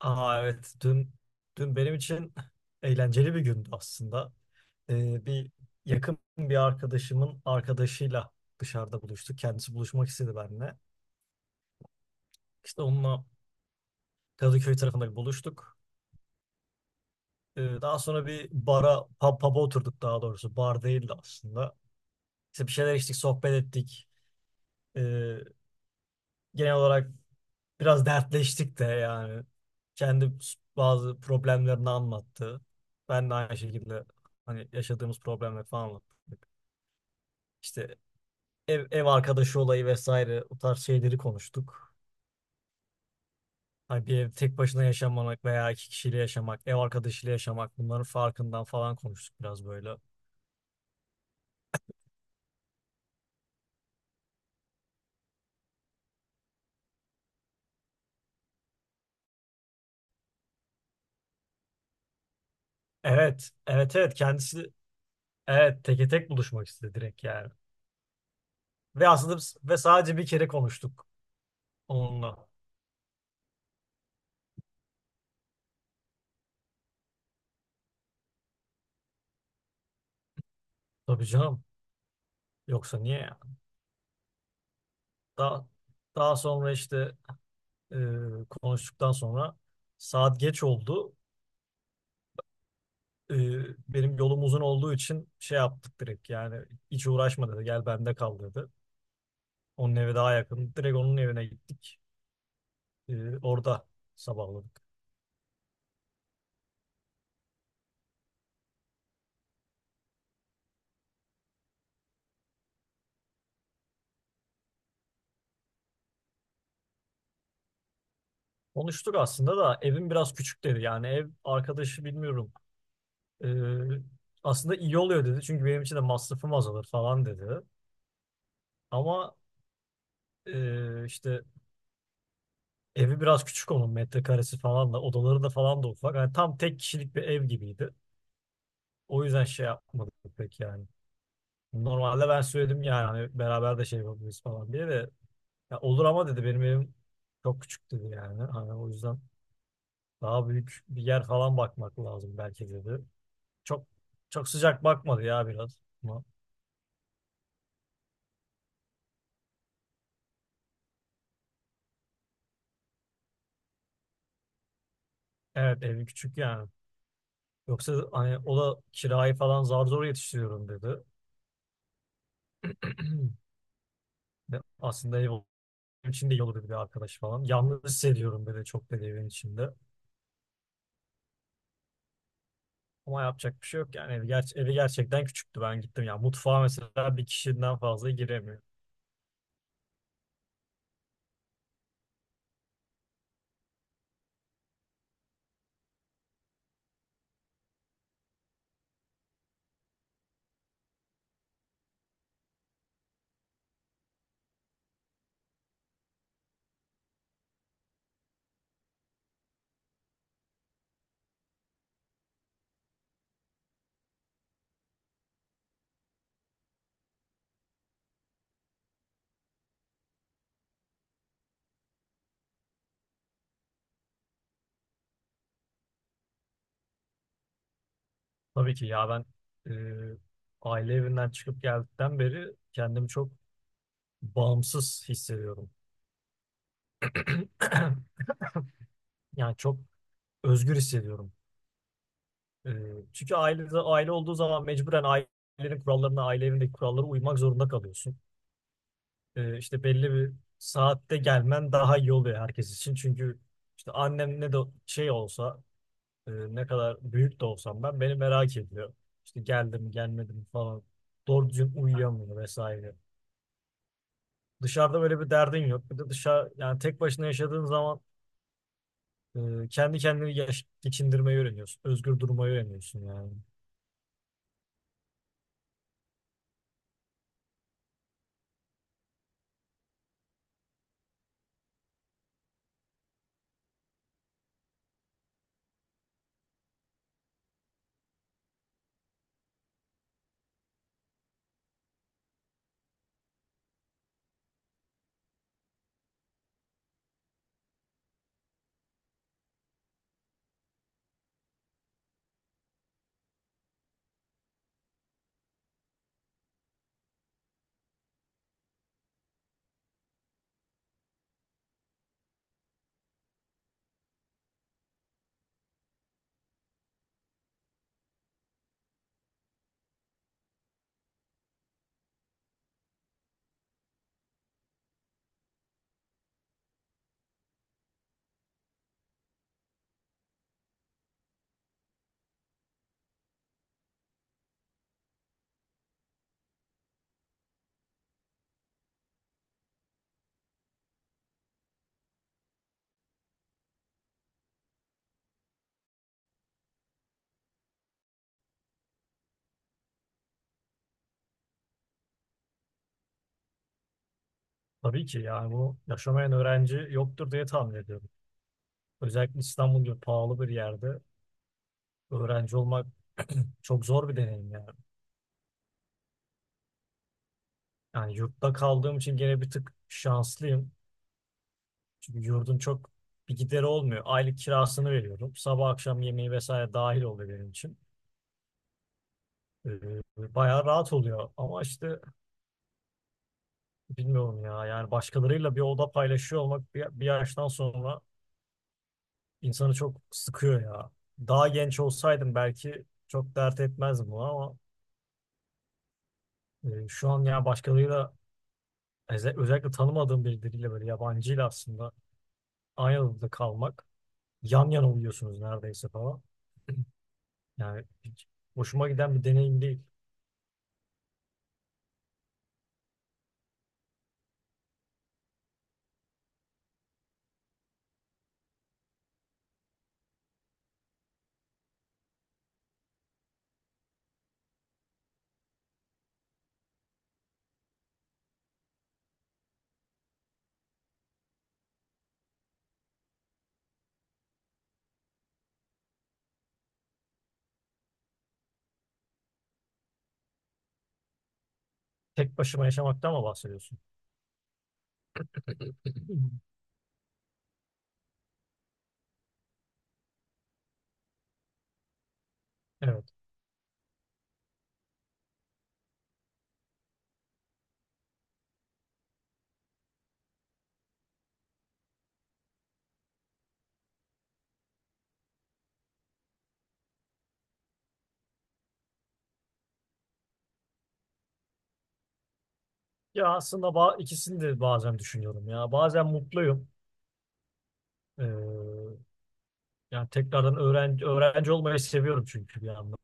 Aa, evet dün benim için eğlenceli bir gündü aslında. Bir Yakın bir arkadaşımın arkadaşıyla dışarıda buluştuk. Kendisi buluşmak istedi benimle. İşte onunla Kadıköy tarafında buluştuk. Daha sonra bir pub'a oturduk daha doğrusu. Bar değildi aslında. İşte bir şeyler içtik, sohbet ettik. Ee, Genel olarak biraz dertleştik de yani. Kendi bazı problemlerini anlattı. Ben de aynı şekilde hani yaşadığımız problemleri falan anlattık. İşte ev arkadaşı olayı vesaire o tarz şeyleri konuştuk. Hani bir ev tek başına yaşamamak veya iki kişiyle yaşamak, ev arkadaşıyla yaşamak bunların farkından falan konuştuk biraz böyle. Evet, kendisi evet teke tek buluşmak istedi direkt yani. Ve ve sadece bir kere konuştuk onunla. Tabii canım, yoksa niye? Daha, daha sonra işte e, konuştuktan sonra saat geç oldu. E, Benim yolum uzun olduğu için şey yaptık direkt yani, hiç uğraşma dedi, gel bende kal dedi. Onun evi daha yakın, direkt onun evine gittik. Orada sabahladık. Konuştuk aslında da evim biraz küçük dedi. Yani ev arkadaşı bilmiyorum. E, Aslında iyi oluyor dedi, çünkü benim için de masrafım azalır falan dedi. Ama e, işte evi biraz küçük, onun metrekaresi falan da odaları da falan da ufak. Yani tam tek kişilik bir ev gibiydi. O yüzden şey yapmadık pek yani. Normalde ben söyledim yani hani beraber de şey yapabiliriz falan diye de, ya olur ama dedi benim evim çok küçük dedi yani. Hani o yüzden daha büyük bir yer falan bakmak lazım belki dedi. Çok çok sıcak bakmadı ya biraz. Ama evet evi küçük yani. Yoksa hani o da kirayı falan zar zor yetiştiriyorum dedi. Ve aslında ev benim için de iyi olurdu bir de arkadaş falan. Yalnız hissediyorum böyle çok böyle evin içinde. Ama yapacak bir şey yok yani. Evi gerçekten küçüktü ben gittim. Yani mutfağa mesela bir kişiden fazla giremiyor. Tabii ki ya ben, e, aile evinden çıkıp geldikten beri kendimi çok bağımsız hissediyorum. Yani çok özgür hissediyorum. E, Çünkü aile olduğu zaman mecburen ailenin kurallarına, aile evindeki kurallara uymak zorunda kalıyorsun. İşte belli bir saatte gelmen daha iyi oluyor herkes için. Çünkü işte annem ne de şey olsa, ne kadar büyük de olsam ben, beni merak ediyor. İşte geldim gelmedim falan, doğru düzgün uyuyamıyor vesaire. Dışarıda böyle bir derdin yok. Bir de dışarı yani tek başına yaşadığın zaman geçindirmeyi öğreniyorsun. Özgür durmayı öğreniyorsun yani. Tabii ki yani bunu yaşamayan öğrenci yoktur diye tahmin ediyorum. Özellikle İstanbul gibi pahalı bir yerde öğrenci olmak çok zor bir deneyim yani. Yani yurtta kaldığım için gene bir tık şanslıyım. Çünkü yurdun çok bir gideri olmuyor. Aylık kirasını veriyorum, sabah akşam yemeği vesaire dahil oluyor benim için. Ee, Bayağı rahat oluyor. Ama işte bilmiyorum ya. Yani başkalarıyla bir oda paylaşıyor olmak bir yaştan sonra insanı çok sıkıyor ya. Daha genç olsaydım belki çok dert etmezdim bunu, ama şu an ya başkalarıyla özellikle tanımadığım birileriyle böyle yabancıyla aslında aynı odada kalmak, yan yana uyuyorsunuz neredeyse falan. Yani hiç hoşuma giden bir deneyim değil. Tek başıma yaşamaktan mı bahsediyorsun? Evet. Ya ikisini de bazen düşünüyorum ya. Bazen mutluyum. Ee, Yani tekrardan öğrenci olmayı seviyorum çünkü bir yandan.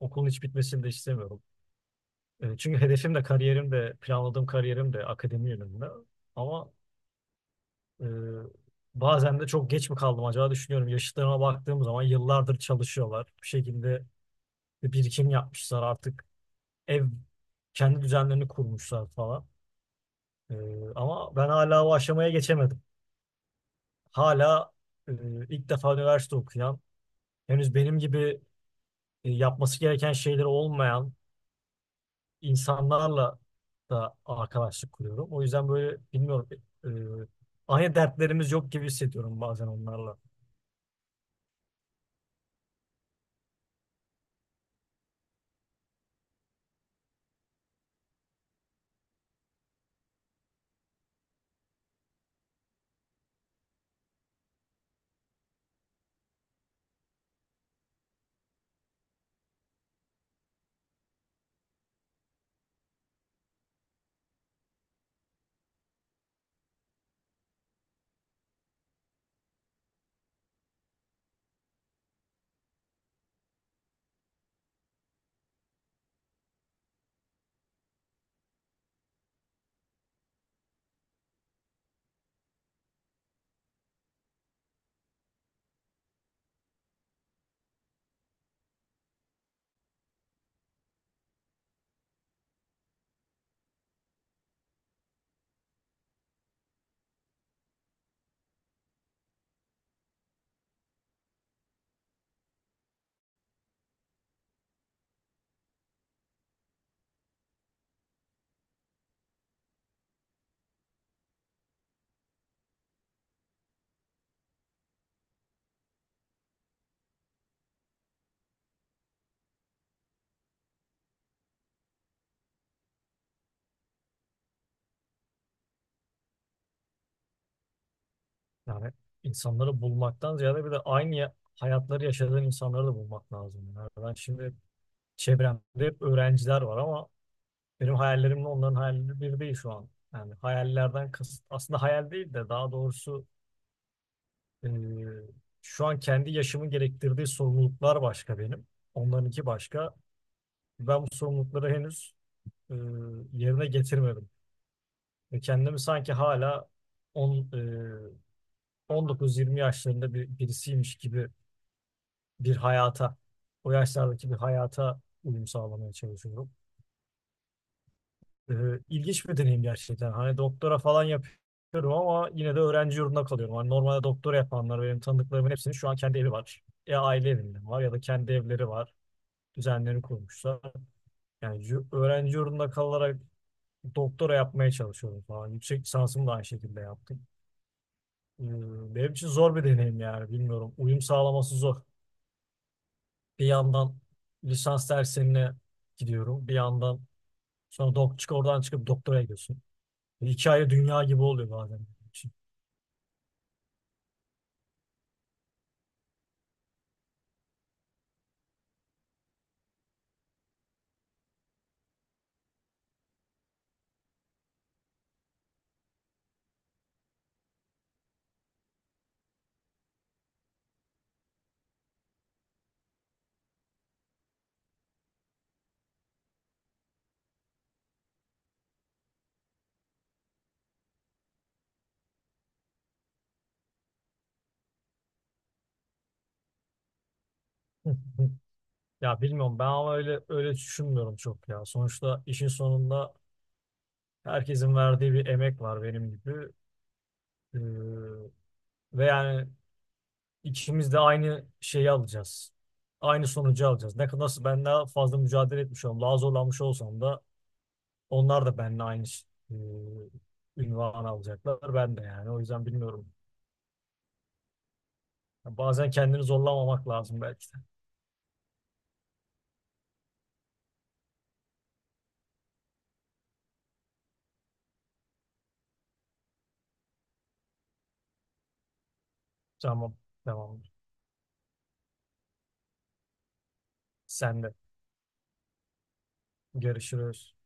Okulun hiç bitmesini de istemiyorum. Çünkü hedefim de kariyerim de planladığım kariyerim de akademi yönünde. Ama e, bazen de çok geç mi kaldım acaba düşünüyorum. Yaşıtlarıma baktığım zaman yıllardır çalışıyorlar. Bir şekilde bir birikim yapmışlar artık, ev, kendi düzenlerini kurmuşlar falan. Ee, Ama ben hala o aşamaya geçemedim. Hala e, ilk defa üniversite okuyan, henüz benim gibi yapması gereken şeyleri olmayan insanlarla da arkadaşlık kuruyorum. O yüzden böyle bilmiyorum, e, aynı dertlerimiz yok gibi hissediyorum bazen onlarla. Yani insanları bulmaktan ziyade bir de aynı hayatları yaşadığın insanları da bulmak lazım. Yani ben şimdi çevremde hep öğrenciler var, ama benim hayallerimle onların hayalleri bir değil şu an. Yani hayallerden kasıt aslında hayal değil de daha doğrusu e, şu an kendi yaşımın gerektirdiği sorumluluklar başka benim. Onlarınki başka. Ben bu sorumlulukları henüz e, yerine getirmedim. Ve kendimi sanki hala on, e, 19-20 yaşlarında birisiymiş gibi bir hayata, o yaşlardaki bir hayata uyum sağlamaya çalışıyorum. Ee, ilginç bir deneyim gerçekten. Hani doktora falan yapıyorum ama yine de öğrenci yurdunda kalıyorum. Hani normalde doktora yapanlar, benim tanıdıklarımın hepsinin şu an kendi evi var. Ya aile evinde var ya da kendi evleri var. Düzenlerini kurmuşlar. Yani öğrenci yurdunda kalarak doktora yapmaya çalışıyorum falan. Yüksek lisansımı da aynı şekilde yaptım. Ee, Benim için zor bir deneyim yani bilmiyorum. Uyum sağlaması zor. Bir yandan lisans derslerine gidiyorum. Bir yandan sonra dok çık oradan çıkıp doktora gidiyorsun. Hikaye dünya gibi oluyor bazen. Hı hı. Ya bilmiyorum ben ama öyle düşünmüyorum çok ya. Sonuçta işin sonunda herkesin verdiği bir emek var benim gibi. Ee, ve yani ikimiz de aynı şeyi alacağız. Aynı sonucu alacağız. Ne kadar nasıl ben daha fazla mücadele etmiş olsam, daha zorlanmış olsam da onlar da benimle aynı ünvanı alacaklar. Ben de yani. O yüzden bilmiyorum. Ya bazen kendini zorlamamak lazım belki de. Tamam. Tamam. Sen de. Görüşürüz.